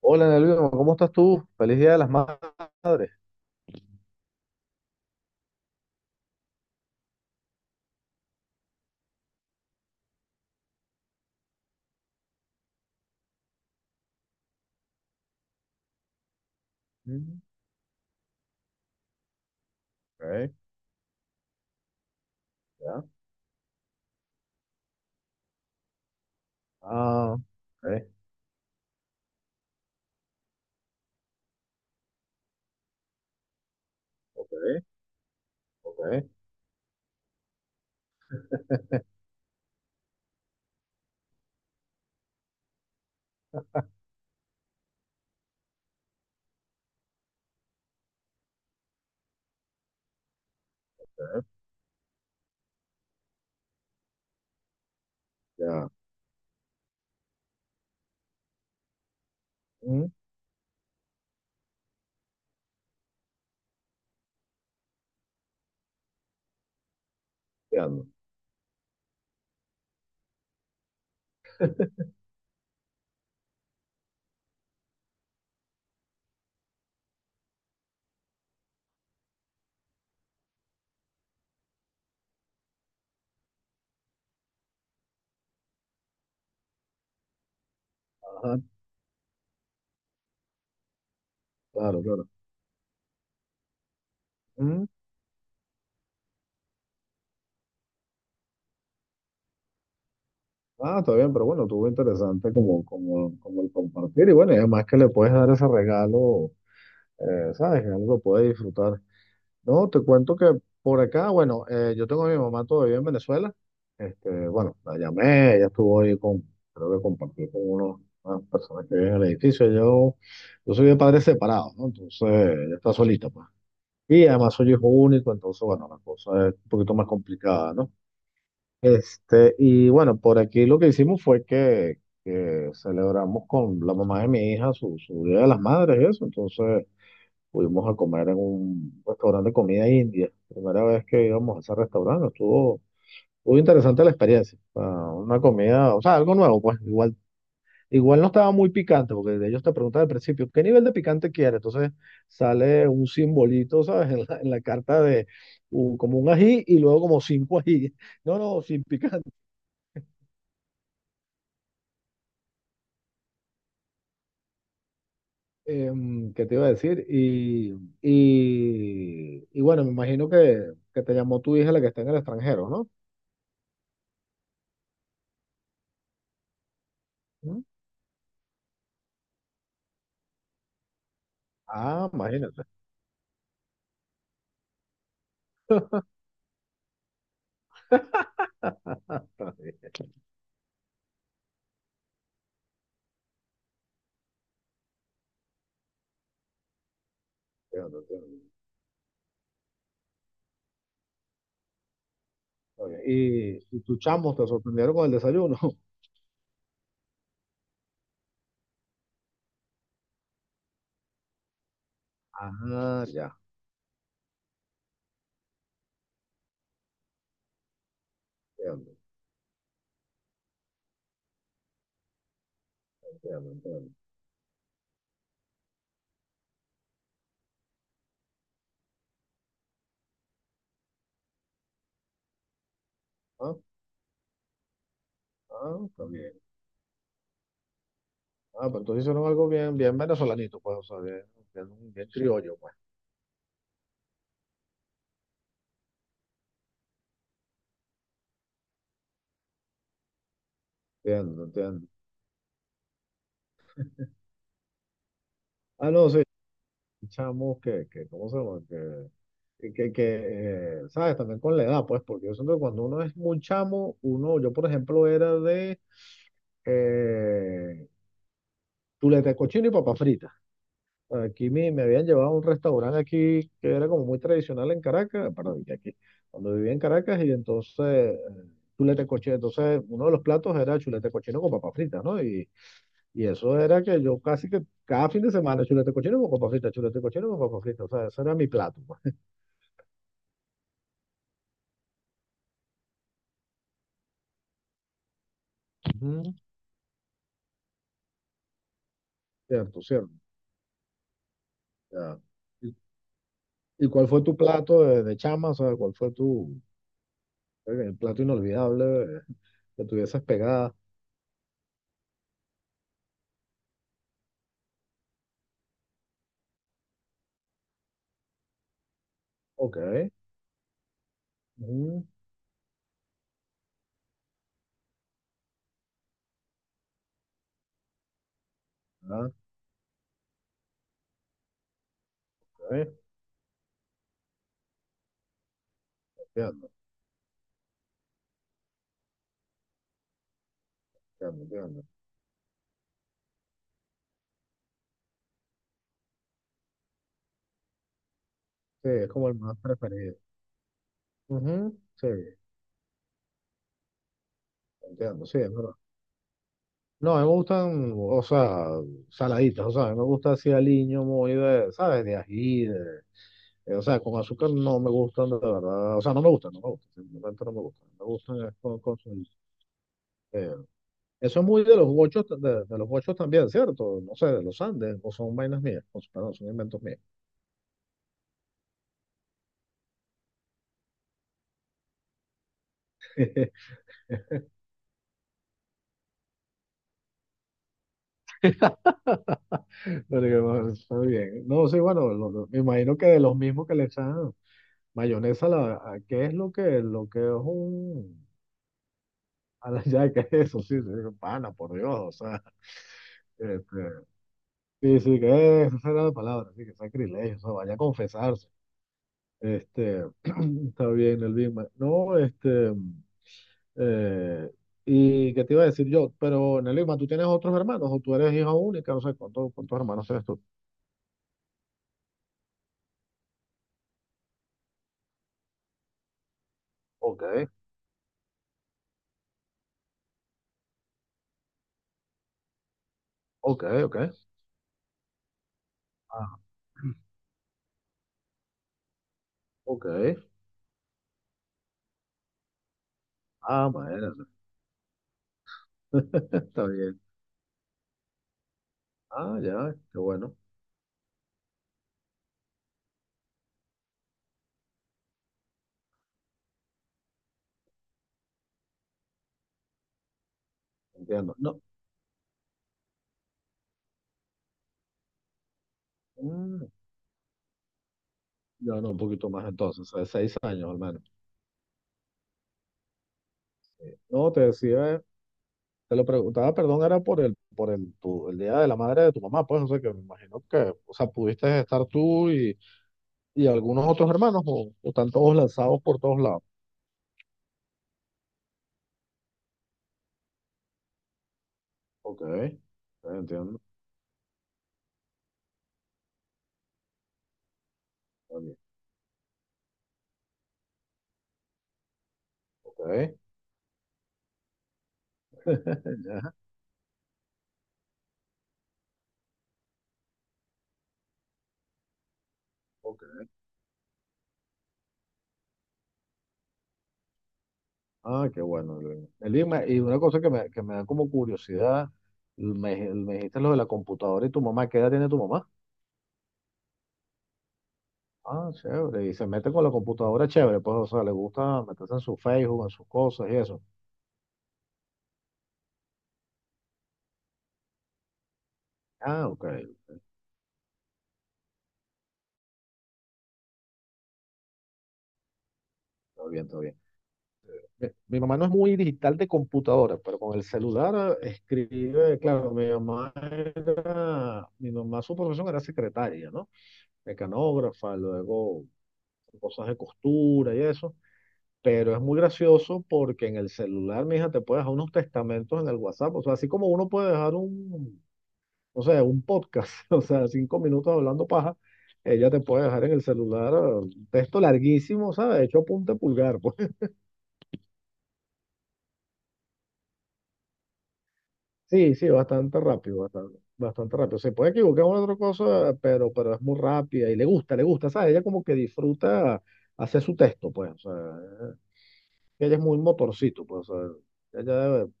Hola, Ana Luisa, ¿cómo estás tú? Feliz Día de las Madres. Mm, ok, ya. Ah, ok, ok, ok, ok, ya. Mm, ya no. Ajá, claro, claro. Mm, ah, está bien, pero bueno, estuvo interesante como el compartir. Y bueno, y además que le puedes dar ese regalo, ¿sabes? Que algo que puedes disfrutar. No, te cuento que por acá, bueno, yo tengo a mi mamá todavía en Venezuela. Este, bueno, la llamé, ella estuvo ahí con, creo que compartí con unas personas que viven en el edificio. Yo soy de padres separados, ¿no? Entonces, ella está solita, pues. Y además soy hijo único, entonces, bueno, la cosa es un poquito más complicada, ¿no? Este, y bueno, por aquí lo que hicimos fue que celebramos con la mamá de mi hija su Día de las Madres y eso. Entonces, fuimos a comer en un restaurante de comida india. Primera vez que íbamos a ese restaurante, estuvo muy interesante la experiencia. O sea, una comida, o sea, algo nuevo, pues igual, igual no estaba muy picante, porque de ellos te preguntan al principio, ¿qué nivel de picante quieres? Entonces sale un simbolito, ¿sabes? En la carta de como un ají y luego como cinco ají. No, no, sin picante. ¿Qué te iba a decir? Y bueno, me imagino que te llamó tu hija la que está en el extranjero, ¿no? ¿Mm? Ah, imagínate. Está bien. Entiendo, entiendo. Está bien. Y tus chamos te sorprendieron con el desayuno. Ah, ya. Entiendo, entiendo. Ah, ah, está bien. Ah, pero entonces hicieron algo bien, bien venezolanito, pues, o sea, bien criollo, pues. Entiendo, entiendo. Ah, no, sí, chamos ¿cómo se llama? Que, que, que, ¿Sabes? También con la edad, pues, porque yo siento que cuando uno es muy chamo, uno, yo, por ejemplo, era de eh, chuleta de cochino y papas fritas. Aquí me habían llevado a un restaurante aquí que era como muy tradicional en Caracas, perdón, y aquí, cuando vivía en Caracas, y entonces chuleta cochino, entonces uno de los platos era chuleta cochino con papas fritas, ¿no? Y eso era que yo casi que cada fin de semana chuleta cochino con papas fritas, chuleta cochino con papas fritas, o sea, ese era mi plato, pues. Ujú. Cierto, cierto. Ya. ¿Y, y cuál fue tu plato de chama? O sea, ¿cuál fue tu el plato inolvidable eh, que tuvieses pegada? Ok, ujú, ah, ok. Entiendo, entiendo. Sí, es como el más preferido. Ujú, sí, entiendo, sí, es verdad. No, a mí me gustan, o sea, saladitas, o sea, a mí me gusta así aliño muy de, ¿sabes? De ají, de, o sea, con azúcar no me gustan de verdad, o sea, no me gustan, no me gustan, simplemente no me gustan, me gustan es con, eh, eso es muy de los gochos, de los gochos también, ¿cierto? No sé, de los Andes, o son vainas mías, o sea, perdón, son inventos míos. Pero que, bueno, está bien. No, sí, bueno, me imagino que de los mismos que le echan. Mayonesa, la, ¿qué es lo lo que es un... A la ya, ¿qué es eso? Sí, sí, pana, por Dios, o sea, este, sí, sí, que es, esa era la palabra, sí, que sacrilegio, o sea, vaya a confesarse. Este, está bien, el Big Mac. No, este, eh, ¿y qué te iba a decir yo? Pero, Nelima, ¿tú tienes otros hermanos o tú eres hija única? No sé, ¿cuántos hermanos tienes tú? Ok, ok. Ah, ok. Ah, madre. Está bien. Ah, ya, qué bueno. Entiendo. No. Mm, ya no, un poquito más entonces, o sea, seis años al menos. Sí. No, te decía, te lo preguntaba, perdón, era por el, el día de la madre de tu mamá, pues, o sea, que me imagino que, o sea, pudiste estar tú y algunos otros hermanos, o están todos lanzados por todos lados. Ok, ok, entiendo. Está bien, ok, ya, ok. Ah, qué bueno. Elin. Elin, y una cosa que que me da como curiosidad, me dijiste lo de la computadora y tu mamá, ¿qué edad tiene tu mamá? Ah, chévere. Y se mete con la computadora, chévere. Pues, o sea, le gusta meterse en su Facebook, en sus cosas y eso. Ah, ok. Todo bien, todo bien. Mi mamá no es muy digital de computadora, pero con el celular escribe, claro, mi mamá era, mi mamá su profesión era secretaria, ¿no? Mecanógrafa, luego cosas de costura y eso. Pero es muy gracioso porque en el celular, mija, te puede dejar unos testamentos en el WhatsApp. O sea, así como uno puede dejar un, no sé, un podcast, o sea, cinco minutos hablando paja, ella te puede dejar en el celular un texto larguísimo, ¿sabes? Hecho a punta de pulgar, pues. Sí, sí, bastante rápido, bastante, bastante rápido. Se puede equivocar en una otra cosa, pero es muy rápida y le gusta, ¿sabes? Ella como que disfruta hacer su texto, pues, o sea, ella es muy motorcito, pues, o sea,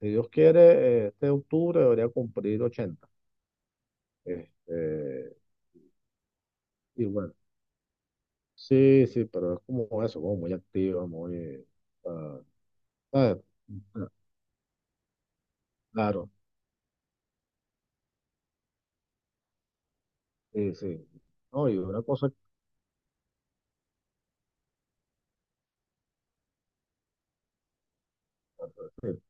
si Dios quiere, este octubre debería cumplir 80. Este, y bueno. Sí, sí, pero es como eso, como muy activa, muy... ah, ¿sabes? Claro, sí, sí. No, y una cosa, sí,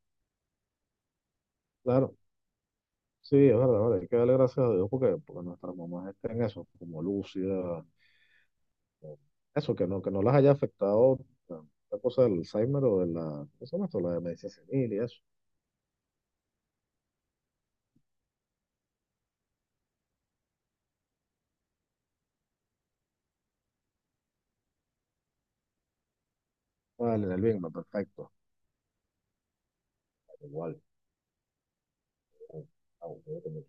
claro, sí, es verdad, vale, hay que darle gracias a Dios porque, porque nuestras mamás estén eso, como lúcidas, como- eso, que no las haya afectado la, la cosa del Alzheimer o de la, ¿qué se llama esto? La demencia senil y eso. Vale, en el bien, perfecto, vale, igual. eh, ah, bueno,